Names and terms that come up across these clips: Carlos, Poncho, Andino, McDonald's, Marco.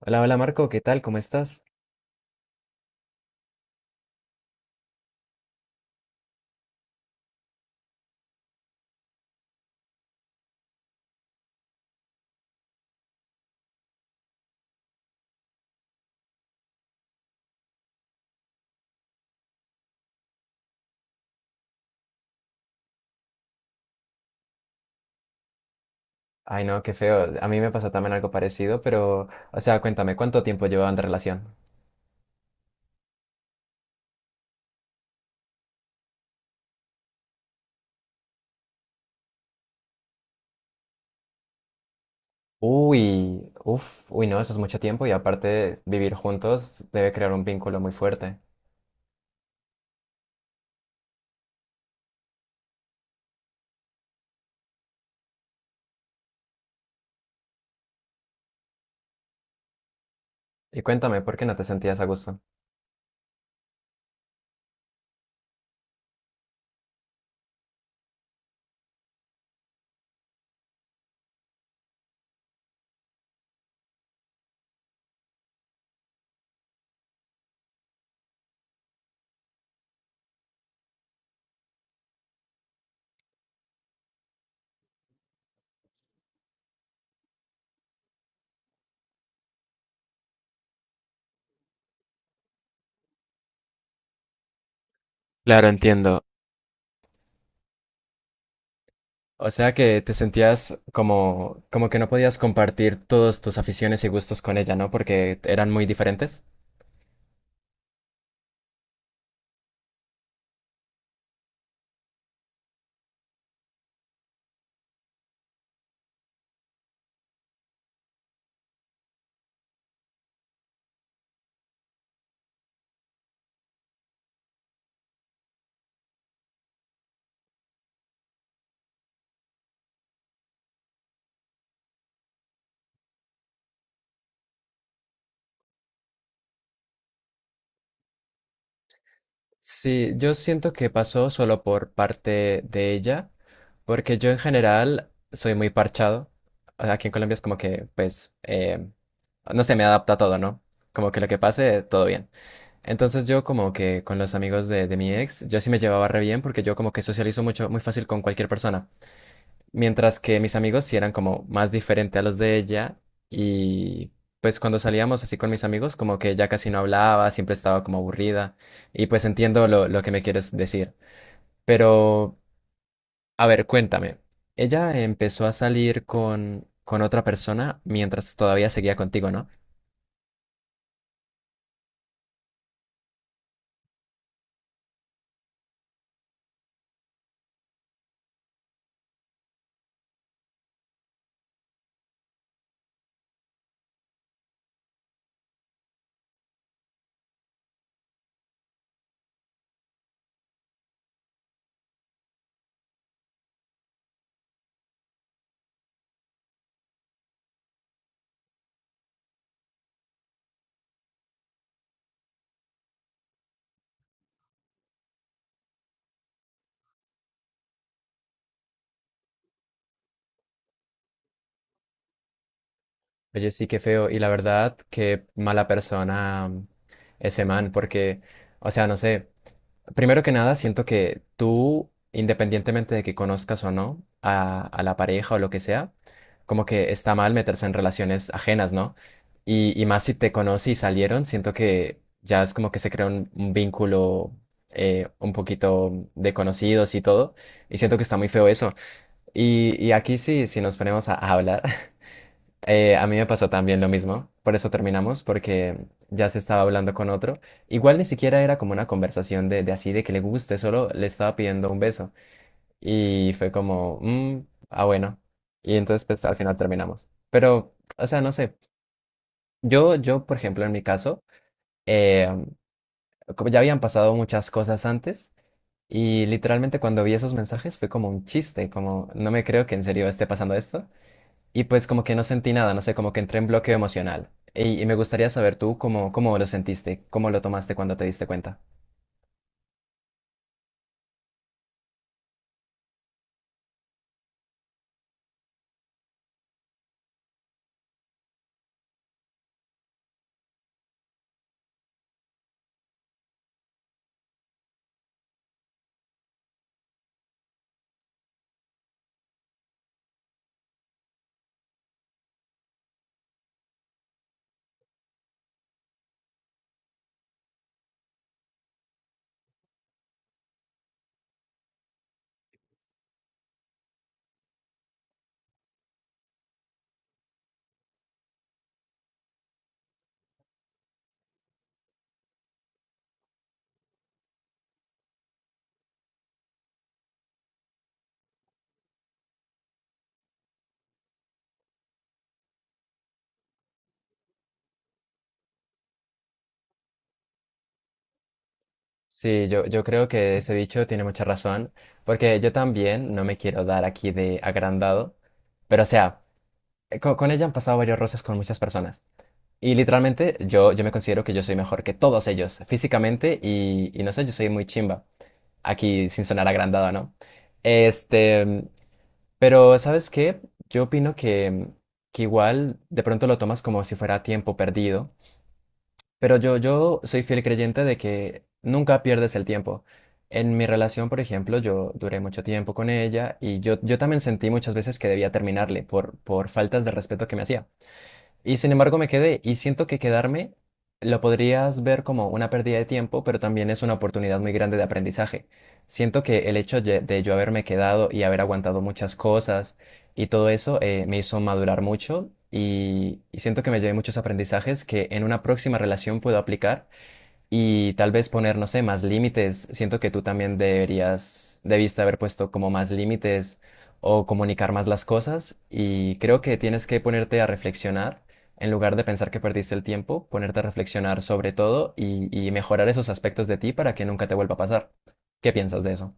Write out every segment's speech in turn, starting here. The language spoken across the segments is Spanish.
Hola, hola Marco, ¿qué tal? ¿Cómo estás? Ay, no, qué feo. A mí me pasó también algo parecido, pero, o sea, cuéntame, ¿cuánto tiempo llevaban de relación? Uy, uff, uy, no, eso es mucho tiempo y aparte vivir juntos debe crear un vínculo muy fuerte. Y cuéntame, ¿por qué no te sentías a gusto? Claro, entiendo. O sea que te sentías como, como que no podías compartir todas tus aficiones y gustos con ella, ¿no? Porque eran muy diferentes. Sí, yo siento que pasó solo por parte de ella, porque yo en general soy muy parchado. O sea, Aquí en Colombia es como que, pues, no sé, me adapta a todo, ¿no? Como que lo que pase, todo bien. Entonces yo como que con los amigos de mi ex, yo sí me llevaba re bien porque yo como que socializo mucho, muy fácil con cualquier persona. Mientras que mis amigos sí eran como más diferente a los de ella y pues cuando salíamos así con mis amigos como que ella casi no hablaba, siempre estaba como aburrida y pues entiendo lo que me quieres decir. Pero, a ver, cuéntame, ella empezó a salir con otra persona mientras todavía seguía contigo, ¿no? Oye, sí, qué feo y la verdad, qué mala persona ese man porque, o sea, no sé. Primero que nada, siento que tú, independientemente de que conozcas o no a la pareja o lo que sea, como que está mal meterse en relaciones ajenas, ¿no? Y más si te conoce y salieron, siento que ya es como que se crea un vínculo un poquito de conocidos y todo, y siento que está muy feo eso. Y aquí sí, si nos ponemos a hablar, a mí me pasó también lo mismo, por eso terminamos, porque ya se estaba hablando con otro. Igual ni siquiera era como una conversación de así, de que le guste, solo le estaba pidiendo un beso. Y fue como, "Mm, ah, bueno". Y entonces, pues al final terminamos. Pero, o sea, no sé. Yo, por ejemplo, en mi caso, eh, como ya habían pasado muchas cosas antes, y literalmente cuando vi esos mensajes fue como un chiste, como, no me creo que en serio esté pasando esto y pues como que no sentí nada, no sé, como que entré en bloqueo emocional. Y me gustaría saber tú cómo, cómo lo sentiste, cómo lo tomaste cuando te diste cuenta. Sí, yo creo que ese dicho tiene mucha razón, porque yo también no me quiero dar aquí de agrandado, pero o sea, ella han pasado varios roces con muchas personas. Y literalmente yo me considero que yo soy mejor que todos ellos, físicamente y no sé, yo soy muy chimba, aquí sin sonar agrandado, ¿no? Este, Pero, ¿sabes qué? Yo opino que, mm, que igual de pronto lo tomas como si fuera tiempo perdido, pero yo soy fiel creyente de que nunca pierdes el tiempo. En mi relación, por ejemplo, yo duré mucho tiempo con ella y yo también sentí muchas veces que debía terminarle por faltas de respeto que me hacía. Y sin embargo me quedé y siento que quedarme lo podrías ver como una pérdida de tiempo, pero también es una oportunidad muy grande de aprendizaje. Siento que el hecho de yo haberme quedado y haber aguantado muchas cosas y todo eso me hizo madurar mucho y siento que me llevé muchos aprendizajes que en una próxima relación puedo aplicar y tal vez poner, no sé, más límites. Siento que tú también deberías, debiste haber puesto como más límites o comunicar más las cosas y creo que tienes que ponerte a reflexionar. En lugar de pensar que perdiste el tiempo, ponerte a reflexionar sobre todo y mejorar esos aspectos de ti para que nunca te vuelva a pasar. ¿Qué piensas de eso?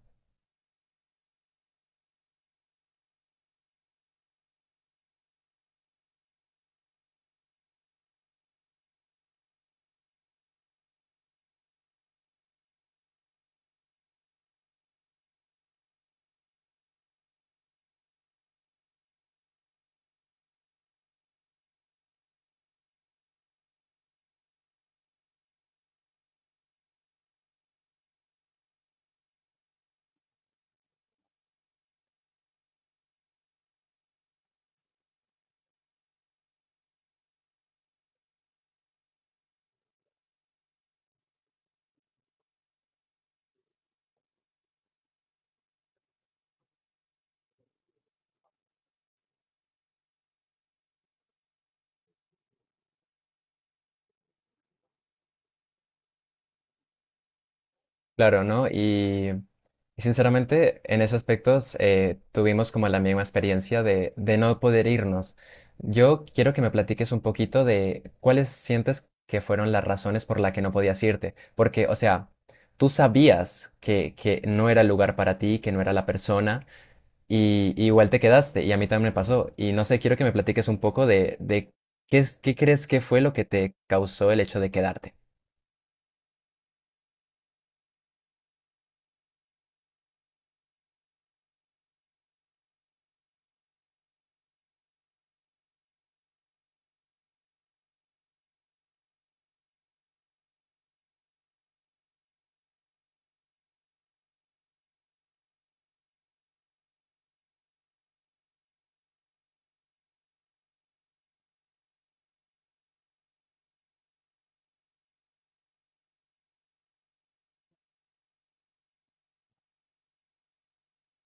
Claro, ¿no? Y sinceramente, en ese aspecto tuvimos como la misma experiencia de no poder irnos. Yo quiero que me platiques un poquito de cuáles sientes que fueron las razones por las que no podías irte. Porque, o sea, tú sabías que no era el lugar para ti, que no era la persona, y igual te quedaste, y a mí también me pasó. Y no sé, quiero que me platiques un poco de qué, qué crees que fue lo que te causó el hecho de quedarte.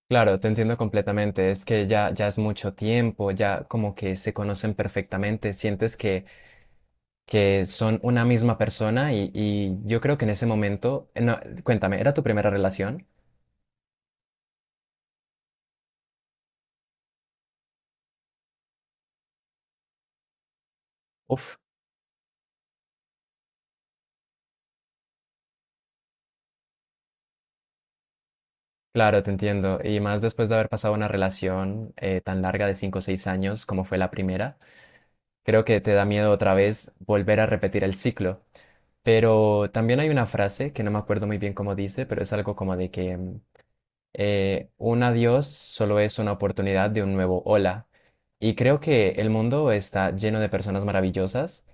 Claro, te entiendo completamente. Es que ya, ya es mucho tiempo, ya como que se conocen perfectamente, sientes que son una misma persona y yo creo que en ese momento, no, cuéntame, ¿era tu primera relación? Uf. Claro, te entiendo. Y más después de haber pasado una relación tan larga de cinco o seis años como fue la primera, creo que te da miedo otra vez volver a repetir el ciclo. Pero también hay una frase que no me acuerdo muy bien cómo dice, pero es algo como de que mm, un adiós solo es una oportunidad de un nuevo hola. Y creo que el mundo está lleno de personas maravillosas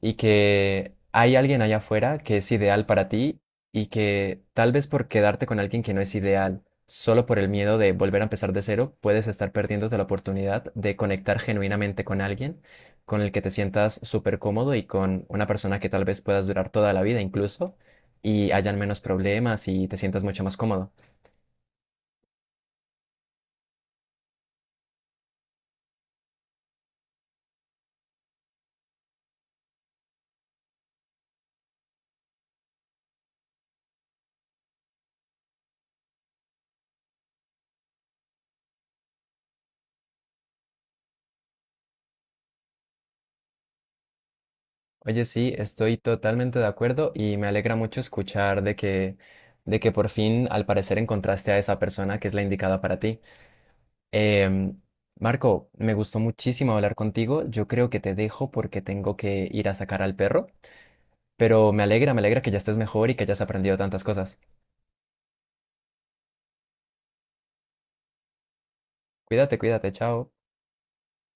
y que hay alguien allá afuera que es ideal para ti y que tal vez por quedarte con alguien que no es ideal, solo por el miedo de volver a empezar de cero, puedes estar perdiéndote la oportunidad de conectar genuinamente con alguien con el que te sientas súper cómodo y con una persona que tal vez puedas durar toda la vida incluso y hayan menos problemas y te sientas mucho más cómodo. Oye, sí, estoy totalmente de acuerdo y me alegra mucho escuchar de que por fin, al parecer, encontraste a esa persona que es la indicada para ti. Em, Marco, me gustó muchísimo hablar contigo. Yo creo que te dejo porque tengo que ir a sacar al perro, pero me alegra que ya estés mejor y que hayas aprendido tantas cosas. Cuídate, cuídate, chao.